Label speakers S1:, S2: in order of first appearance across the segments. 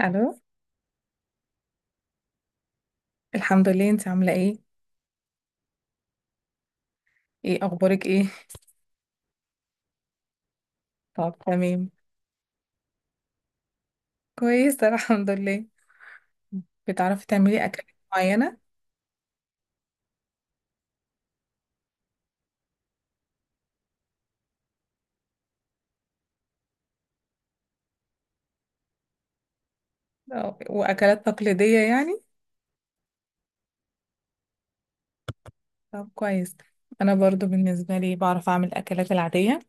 S1: الو. الحمد لله، انت عامله ايه؟ ايه اخبارك ايه؟ طب تمام. كويسه الحمد لله. بتعرفي تعملي اكلات معينه؟ واكلات تقليديه يعني؟ طب كويس. انا برضو بالنسبه لي بعرف اعمل الاكلات العاديه،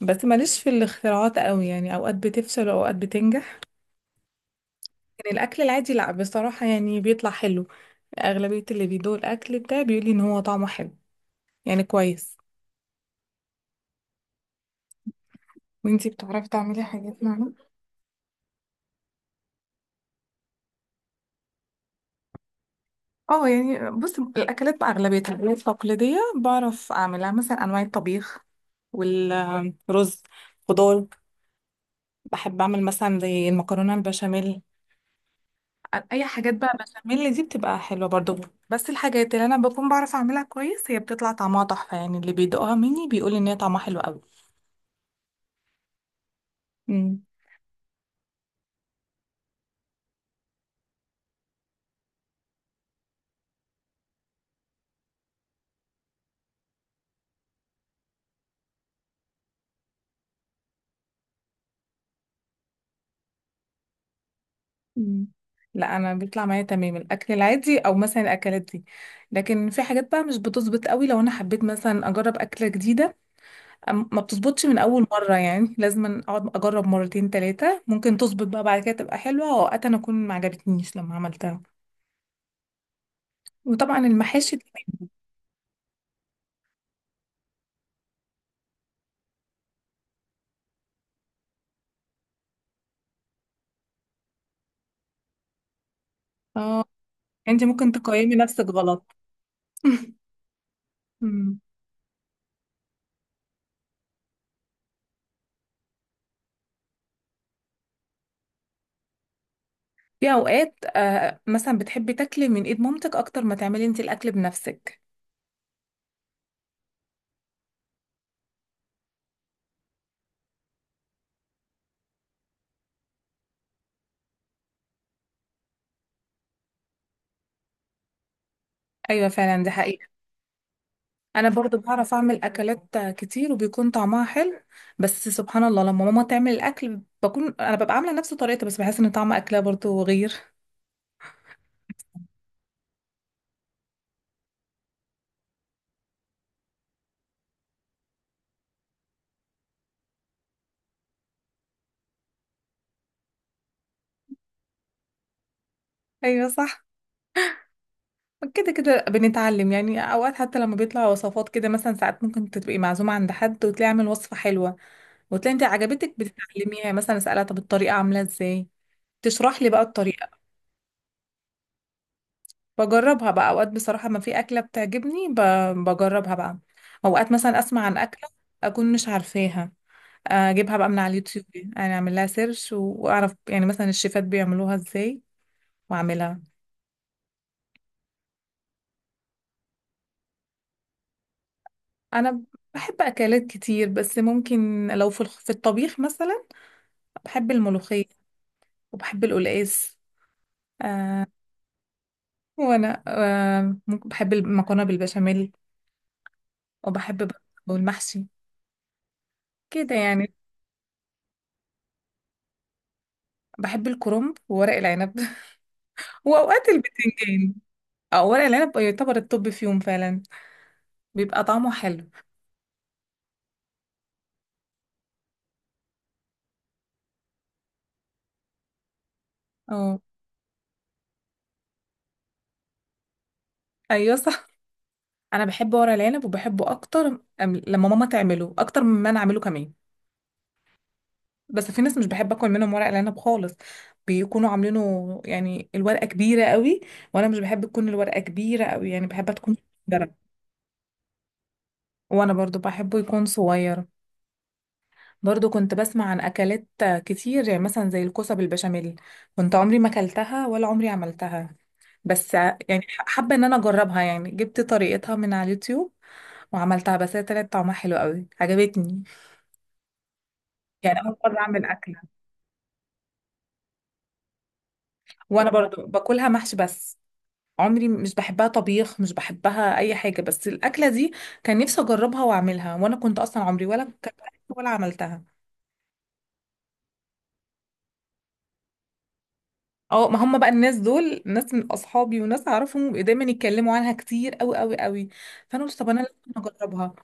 S1: بس ماليش في الاختراعات قوي، يعني اوقات بتفشل واوقات بتنجح. يعني الاكل العادي لا، بصراحه يعني بيطلع حلو. اغلبيه اللي بيدوق الاكل بتاعي بيقولي ان هو طعمه حلو، يعني كويس. وانتي بتعرفي تعملي حاجات معينه؟ اه يعني بص، الاكلات بقى اغلبيه الاكلات التقليديه بعرف اعملها، مثلا انواع الطبيخ والرز، خضار. بحب اعمل مثلا زي المكرونه البشاميل. اي حاجات بقى، بشاميل دي بتبقى حلوه برضو. بس الحاجات اللي انا بكون بعرف اعملها كويس هي بتطلع طعمها تحفه، يعني اللي بيدوقها مني بيقول ان هي طعمها حلو قوي. امم امم. لا انا بيطلع معايا تمام الاكل العادي او مثلا الاكلات دي، لكن في حاجات بقى مش بتظبط قوي. لو انا حبيت مثلا اجرب اكله جديده، ما بتظبطش من اول مره، يعني لازم اقعد اجرب مرتين ثلاثه ممكن تظبط بقى بعد كده تبقى حلوه، واوقات انا اكون ما عجبتنيش لما عملتها. وطبعا المحاشي كمان. اه. انت ممكن تقيمي نفسك غلط. أمم. في اوقات آه مثلا بتحبي تاكلي من ايد مامتك اكتر ما تعملي انت الاكل بنفسك. ايوه فعلا دي حقيقه. انا برضو بعرف اعمل اكلات كتير وبيكون طعمها حلو، بس سبحان الله لما ماما تعمل الاكل بكون انا ببقى عامله نفس طريقتها، بس بحس ان طعم اكلها برضو غير. ايوه صح، كده كده بنتعلم. يعني اوقات حتى لما بيطلع وصفات كده، مثلا ساعات ممكن تبقي معزومه عند حد وتلاقي عامل وصفه حلوه وتلاقي انت عجبتك بتتعلميها، يعني مثلا اسالها طب الطريقه عامله ازاي، تشرح لي بقى الطريقه، بجربها بقى. اوقات بصراحه ما في اكله بتعجبني بجربها بقى. اوقات مثلا اسمع عن اكله اكون مش عارفاها، اجيبها بقى من على اليوتيوب، انا اعمل لها سيرش واعرف يعني مثلا الشيفات بيعملوها ازاي واعملها. انا بحب اكلات كتير، بس ممكن لو في في الطبيخ مثلا بحب الملوخية وبحب القلقاس آه. وأنا آه ممكن بحب المكرونة بالبشاميل وبحب والمحشي كده يعني. بحب الكرنب وورق العنب وأوقات البتنجان. أو ورق العنب يعتبر الطب فيهم فعلا، بيبقى طعمه حلو. اه أيوة صح، أنا بحب ورق العنب وبحبه أكتر، لما ماما تعمله أكتر مما أنا أعمله كمان. بس في ناس مش بحب اكل منهم ورق العنب خالص، بيكونوا عاملينه يعني الورقه كبيره قوي، وانا مش بحب تكون الورقه كبيره قوي، يعني بحبها تكون صغيره. وانا برضو بحبه يكون صغير. برضو كنت بسمع عن اكلات كتير، يعني مثلا زي الكوسه بالبشاميل، كنت عمري ما اكلتها ولا عمري عملتها، بس يعني حابه ان انا اجربها. يعني جبت طريقتها من على اليوتيوب وعملتها، بس هي طلعت طعمها حلو قوي عجبتني. يعني اول مره اعمل اكله، وانا برضو باكلها محشي بس، عمري مش بحبها طبيخ، مش بحبها اي حاجه بس الاكله دي، كان نفسي اجربها واعملها، وانا كنت اصلا عمري ولا كنت ولا عملتها. اه ما هم بقى الناس دول ناس من اصحابي وناس اعرفهم دايما يتكلموا عنها كتير قوي، فانا قلت طب انا لازم اجربها.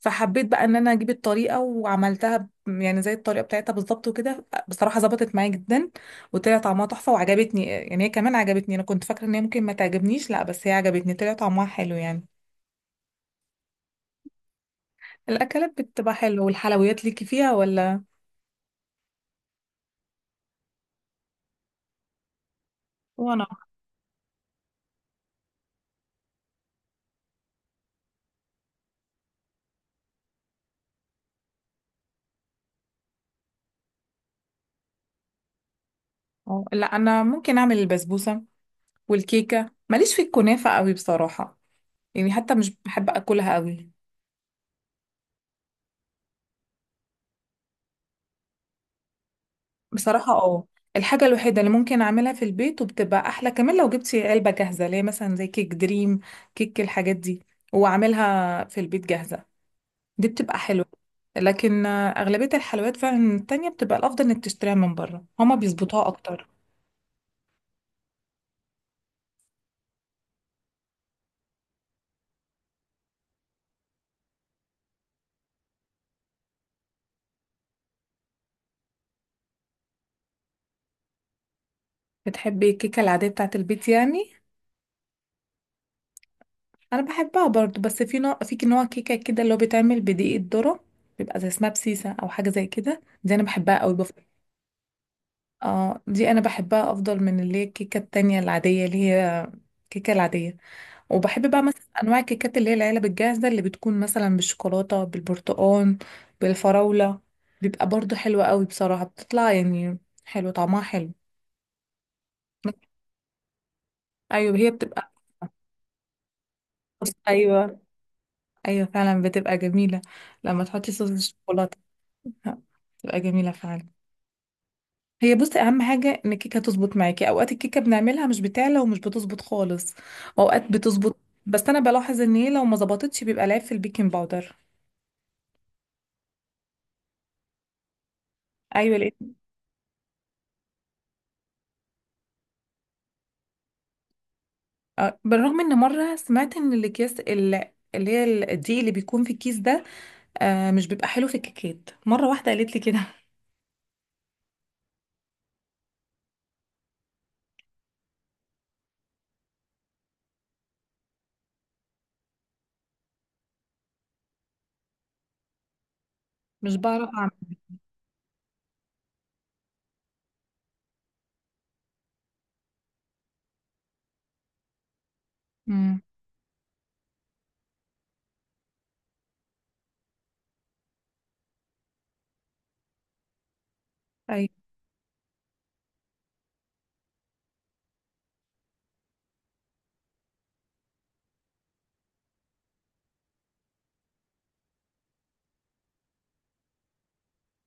S1: فحبيت بقى ان انا اجيب الطريقه وعملتها، يعني زي الطريقه بتاعتها بالظبط وكده بصراحه ظبطت معايا جدا وطلع طعمها تحفه وعجبتني. يعني هي كمان عجبتني، انا كنت فاكره ان هي ممكن ما تعجبنيش، لا بس هي عجبتني طلع طعمها حلو يعني. الاكلات بتبقى حلوه، والحلويات ليكي فيها ولا؟ وانا اه لا انا ممكن اعمل البسبوسه والكيكه. ماليش في الكنافه قوي بصراحه، يعني حتى مش بحب اكلها قوي. بصراحه اه، الحاجه الوحيده اللي ممكن اعملها في البيت وبتبقى احلى كمان، لو جبتي علبه جاهزه اللي هي مثلا زي كيك دريم، كيك الحاجات دي، واعملها في البيت جاهزه، دي بتبقى حلوه. لكن آه، اغلبيه الحلويات فعلا التانية بتبقى الافضل انك تشتريها من بره، هما بيظبطوها اكتر. بتحبي الكيكه العاديه بتاعت البيت يعني؟ انا بحبها برضو، بس في نوع، في نوع كيكه كده اللي هو بيتعمل بدقيق الذره، بيبقى زي اسمها بسيسه او حاجه زي كده، دي انا بحبها قوي اه دي انا بحبها افضل من اللي هي الكيكه التانية العاديه، اللي هي الكيكه العاديه. وبحب بقى مثلا انواع الكيكات اللي هي العلب الجاهزه اللي بتكون مثلا بالشوكولاته، بالبرتقال، بالفراوله، بيبقى برضو حلوه قوي بصراحه، بتطلع يعني حلو، طعمها حلو. ايوه هي بتبقى، ايوه ايوه فعلا بتبقى جميله لما تحطي صوص الشوكولاته، بتبقى جميله فعلا. هي بصي اهم حاجه ان الكيكه تظبط معاكي. اوقات الكيكه بنعملها مش بتعلى ومش بتظبط خالص، اوقات بتظبط. بس انا بلاحظ ان هي لو ما ظبطتش بيبقى العيب في البيكنج باودر. ايوه لقيت. آه، بالرغم ان مره سمعت ان الاكياس اللي هي الدقيق اللي بيكون في الكيس ده آه مش بيبقى حلو في الكيكات، مره واحده قالت لي كده. مش بعرف اعمل. امم. ايوه.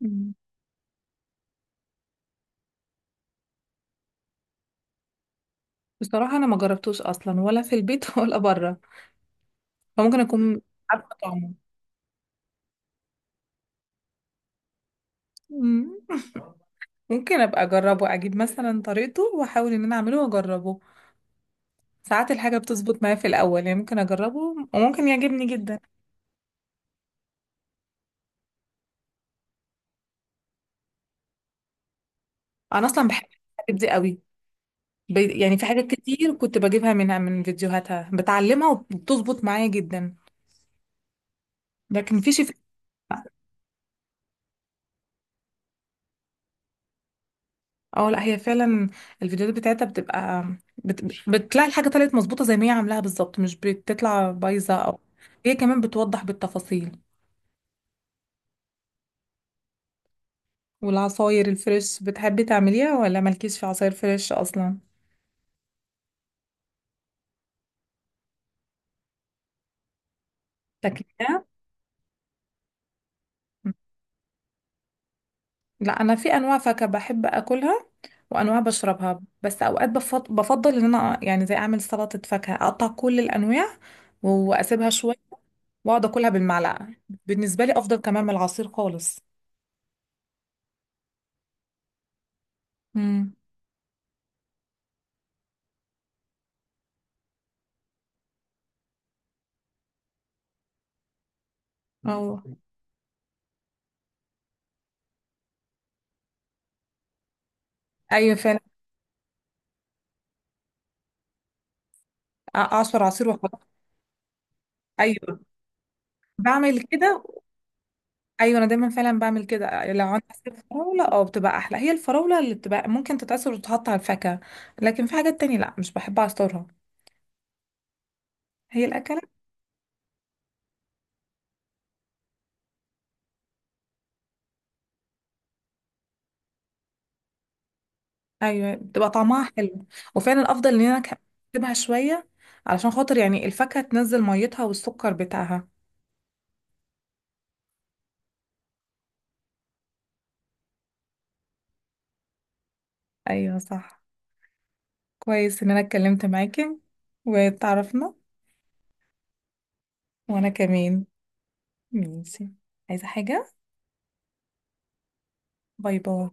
S1: مم. بصراحه انا ما جربتوش اصلا، ولا في البيت ولا بره، فممكن اكون عارفه طعمه. ممكن ابقى اجربه، اجيب مثلا طريقته واحاول ان انا اعمله واجربه. ساعات الحاجه بتظبط معايا في الاول، يعني ممكن اجربه وممكن يعجبني جدا. انا اصلا بحب الحاجات دي قوي، يعني في حاجات كتير كنت بجيبها منها من فيديوهاتها بتعلمها وبتظبط معايا جدا. لكن في شيء. اه لا هي فعلا الفيديوهات بتاعتها بتبقى بتلاقي الحاجه طلعت مظبوطه زي ما هي عاملاها بالظبط، مش بتطلع بايظه او. هي كمان بتوضح بالتفاصيل. والعصاير الفريش بتحبي تعمليها ولا مالكيش في عصاير فريش اصلا؟ فاكهة؟ لا أنا في أنواع فاكهة بحب أكلها وأنواع بشربها، بس أوقات بفضل إن أنا يعني زي أعمل سلطة فاكهة، أقطع كل الأنواع وأسيبها شوية وأقعد أكلها بالمعلقة. بالنسبة لي أفضل كمان من العصير خالص. امم. أو أيوة فعلا. أعصر عصير وأحط. أيوة بعمل كده. أيوة أنا دايما فعلا بعمل كده، لو عندي عصير فراولة أه بتبقى أحلى، هي الفراولة اللي بتبقى ممكن تتعصر وتتحط على الفاكهة. لكن في حاجات تانية لأ مش بحب أعصرها. هي الأكلات. ايوه بتبقى طعمها حلو، وفعلا افضل ان انا اكتبها شويه علشان خاطر يعني الفاكهه تنزل ميتها والسكر بتاعها. ايوه صح. كويس ان انا اتكلمت معاكي واتعرفنا. وانا كمان. ماشي، عايزه حاجه؟ باي باي.